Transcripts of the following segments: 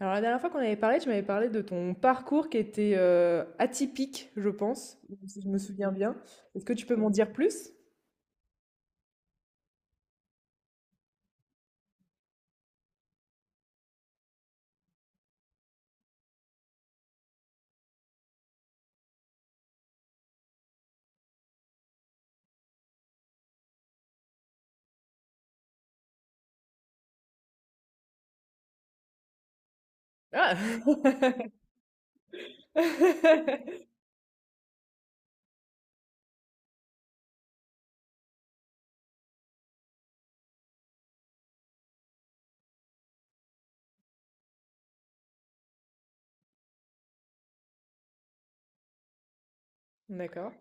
Alors la dernière fois qu'on avait parlé, tu m'avais parlé de ton parcours qui était atypique, je pense, si je me souviens bien. Est-ce que tu peux m'en dire plus? Ah! D'accord.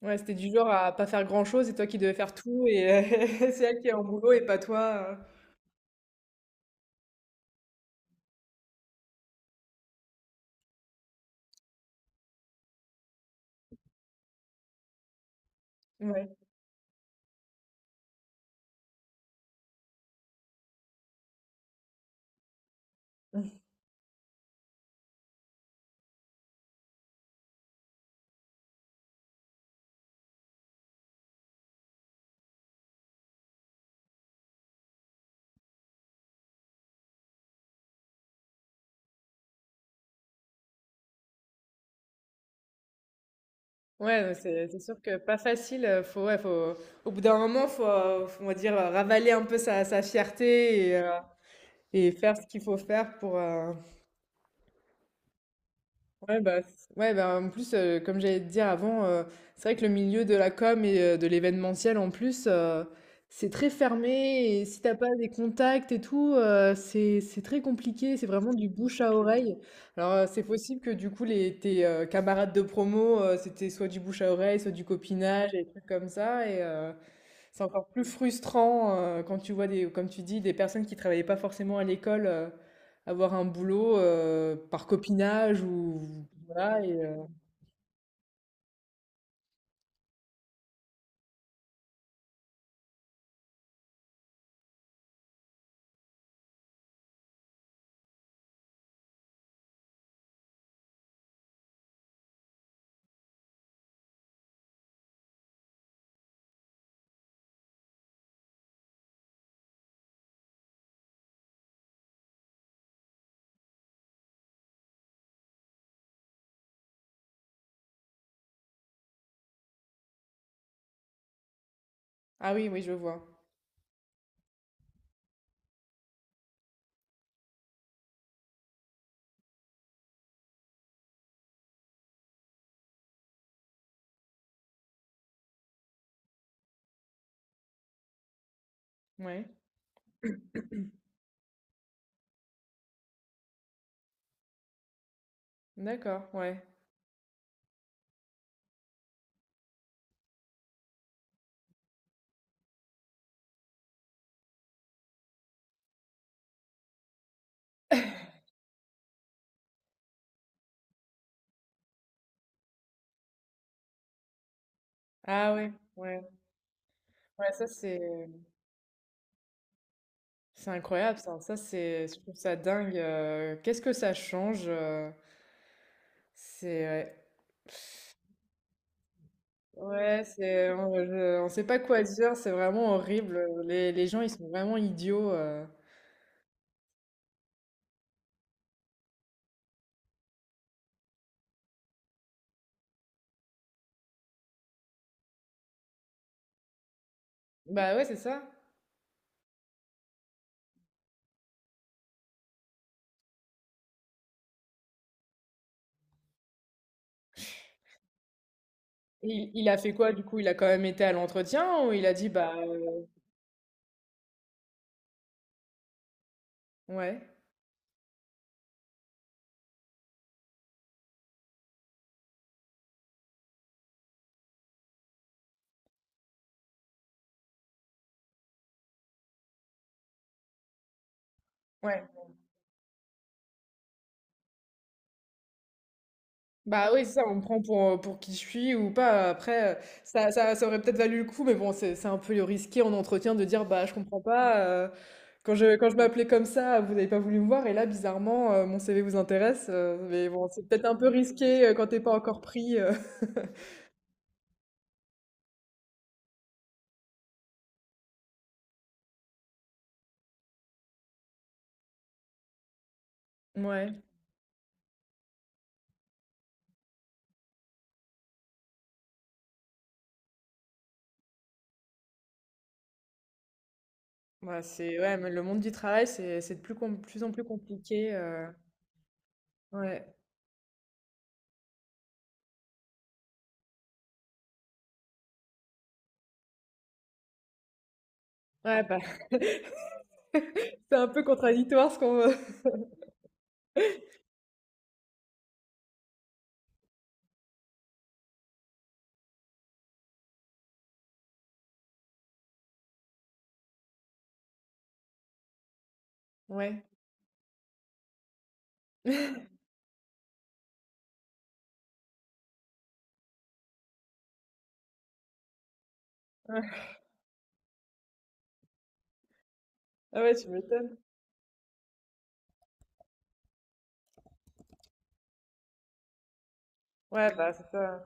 Ouais, c'était du genre à pas faire grand-chose et toi qui devais faire tout c'est elle qui est en boulot et pas toi. Ouais. Ouais, non, c'est sûr que pas facile. Au bout d'un moment, on va dire, ravaler un peu sa fierté et et faire ce qu'il faut faire pour. Ouais, bah, en plus, comme j'allais te dire avant, c'est vrai que le milieu de la com et de l'événementiel, en plus, c'est très fermé. Et si t'as pas des contacts et tout, c'est très compliqué. C'est vraiment du bouche à oreille. Alors, c'est possible que du coup, tes camarades de promo, c'était soit du bouche à oreille, soit du copinage, et des trucs comme ça. C'est encore plus frustrant quand tu vois des, comme tu dis, des personnes qui travaillaient pas forcément à l'école avoir un boulot par copinage ou voilà. Ah oui, oui, je vois. Ouais. D'accord. Ouais. Ah ouais. Ouais. Ouais, c'est incroyable ça. Je trouve ça dingue. Qu'est-ce que ça change? C'est ouais. Ouais, on sait pas quoi dire, c'est vraiment horrible. Les gens, ils sont vraiment idiots. Bah ouais, c'est ça. Il a fait quoi du coup? Il a quand même été à l'entretien ou il a dit ouais, ouais. Bah oui, c'est ça, on me prend pour qui je suis ou pas. Après, ça aurait peut-être valu le coup, mais bon, c'est un peu risqué en entretien de dire bah je comprends pas. Quand quand je m'appelais comme ça, vous n'avez pas voulu me voir, et là, bizarrement, mon CV vous intéresse. Mais bon, c'est peut-être un peu risqué quand t'es pas encore pris. Ouais, ouais, mais le monde du travail, c'est plus en plus compliqué. Ouais, ouais, bah, c'est un peu contradictoire ce qu'on Ouais. Ah ouais, tu m'étonnes. Ouais, bah, c'est ça.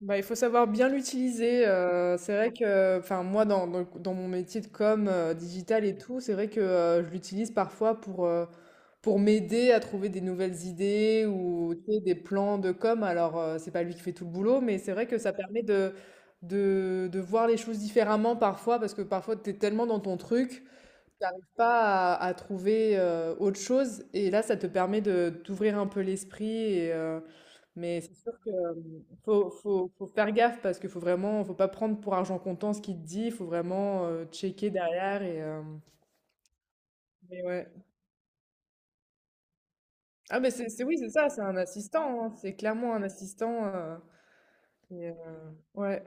Bah, il faut savoir bien l'utiliser. C'est vrai que, enfin, moi, dans mon métier de com, digital et tout, c'est vrai que je l'utilise parfois pour pour m'aider à trouver des nouvelles idées ou tu sais, des plans de com. Alors, c'est pas lui qui fait tout le boulot, mais c'est vrai que ça permet de voir les choses différemment parfois parce que parfois, t'es tellement dans ton truc. J'arrive pas à trouver autre chose et là ça te permet de d'ouvrir un peu l'esprit. Mais c'est sûr que faut faire gaffe parce qu'il faut vraiment faut pas prendre pour argent comptant ce qu'il te dit, il faut vraiment checker derrière. Mais ouais. Ah mais oui, c'est ça, c'est un assistant, hein, c'est clairement un assistant et, euh, ouais.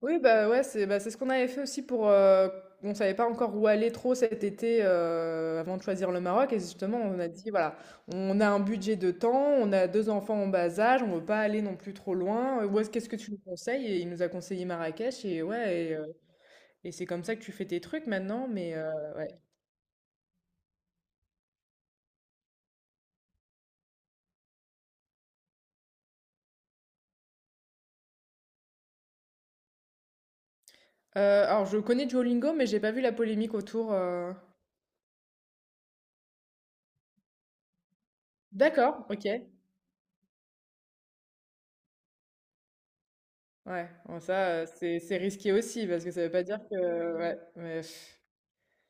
Oui, bah, ouais, c'est bah, c'est ce qu'on avait fait aussi pour. On savait pas encore où aller trop cet été avant de choisir le Maroc. Et justement, on a dit, voilà, on a un budget de temps, on a deux enfants en bas âge, on veut pas aller non plus trop loin. Qu'est-ce que tu nous conseilles? Et il nous a conseillé Marrakech. Et ouais, et c'est comme ça que tu fais tes trucs maintenant. Ouais. Alors, je connais Duolingo, mais j'ai pas vu la polémique autour. D'accord, ok. Ouais, bon, ça, c'est risqué aussi, parce que ça veut pas dire que. Ouais, mais.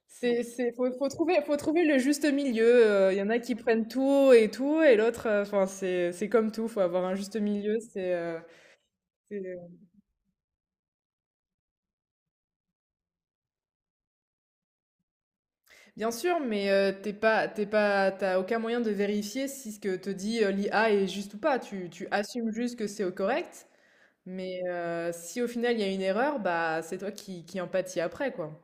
C'est faut faut trouver le juste milieu, il y en a qui prennent tout et tout et l'autre, enfin c'est comme tout, faut avoir un juste milieu, c'est, euh, bien sûr, mais, tu pas t'es pas, t'as aucun moyen de vérifier si ce que te dit, l'IA est juste ou pas. Tu assumes juste que c'est, correct, mais, si au final il y a une erreur, bah, c'est toi qui en pâtis après, quoi.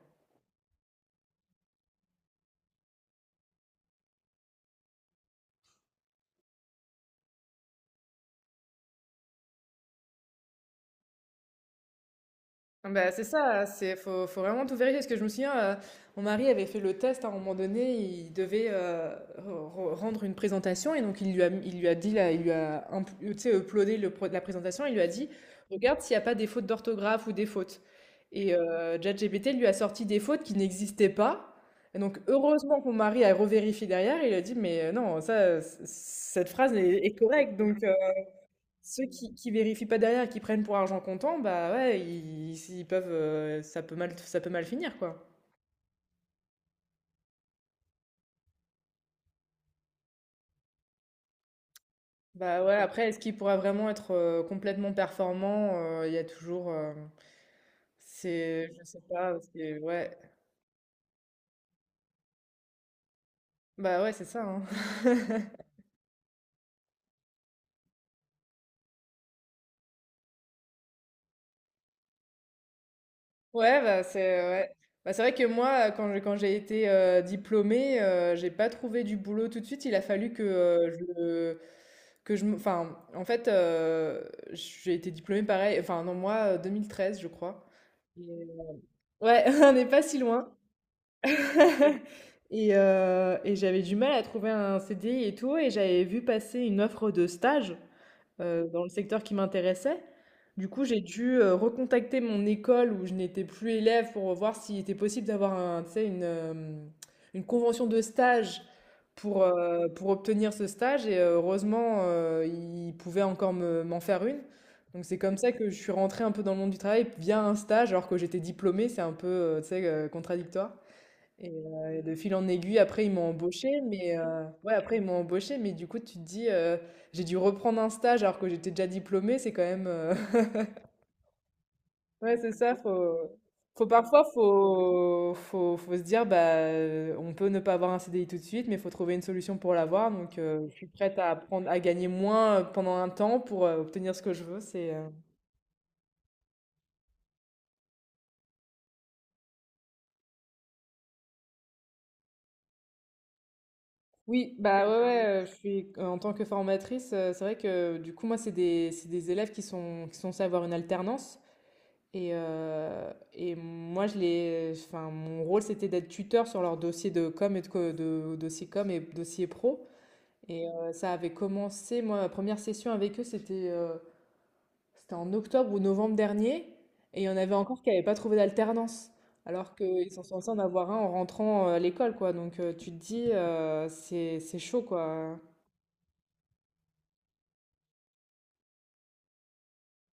Bah, c'est ça, c'est faut, faut vraiment tout vérifier. Parce que je me souviens, mon mari avait fait le test hein, à un moment donné, il devait rendre une présentation et donc il lui a dit, là, il lui a tu sais, uploadé le la présentation, il lui a dit, regarde s'il n'y a pas des fautes d'orthographe ou des fautes. Et ChatGPT lui a sorti des fautes qui n'existaient pas. Et donc heureusement que mon mari a revérifié derrière, il a dit, mais non, ça, cette phrase est correcte. Donc, ceux qui vérifient pas derrière et qui prennent pour argent comptant, bah ouais, ils peuvent, ça peut mal finir quoi. Bah ouais, après, est-ce qu'il pourra vraiment être complètement performant? Il y a toujours, je sais pas, ouais, bah ouais, c'est ça. Hein. Ouais. Bah, c'est vrai que moi, quand j'ai été diplômée, j'ai pas trouvé du boulot tout de suite. Il a fallu que je que je enfin en fait j'ai été diplômée pareil enfin non moi 2013 je crois. Et, euh, ouais, on n'est pas si loin et j'avais du mal à trouver un CDI et tout et j'avais vu passer une offre de stage dans le secteur qui m'intéressait. Du coup, j'ai dû, recontacter mon école où je n'étais plus élève pour voir s'il était possible d'avoir un tu sais, une convention de stage pour obtenir ce stage et heureusement, ils pouvaient encore me m'en faire une. Donc c'est comme ça que je suis rentrée un peu dans le monde du travail via un stage alors que j'étais diplômée, c'est un peu, tu sais, contradictoire. Et de fil en aiguille, après, ils m'ont embauché ouais, après, ils m'ont embauché mais du coup, tu te dis, j'ai dû reprendre un stage alors que j'étais déjà diplômée, c'est quand même, ouais, c'est ça, faut faut parfois, faut se dire, bah, on peut ne pas avoir un CDI tout de suite, mais il faut trouver une solution pour l'avoir, donc je suis prête à apprendre à gagner moins, pendant un temps pour, obtenir ce que je veux, c'est. Oui, bah, ouais, ouais, je suis en tant que formatrice, c'est vrai que, du coup, moi, c'est des élèves qui sont censés avoir une alternance. Et moi, enfin, mon rôle, c'était d'être tuteur sur leur dossier de com et de dossier com et dossier pro. Et ça avait commencé, moi, ma première session avec eux, c'était en octobre ou novembre dernier. Et il y en avait encore qui n'avaient pas trouvé d'alternance. Alors qu'ils sont censés en avoir un en rentrant à l'école, quoi. Donc tu te dis, c'est chaud, quoi.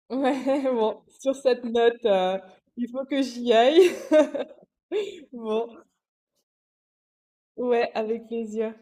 Ouais, bon, sur cette note, il faut que j'y aille. Bon, ouais, avec plaisir.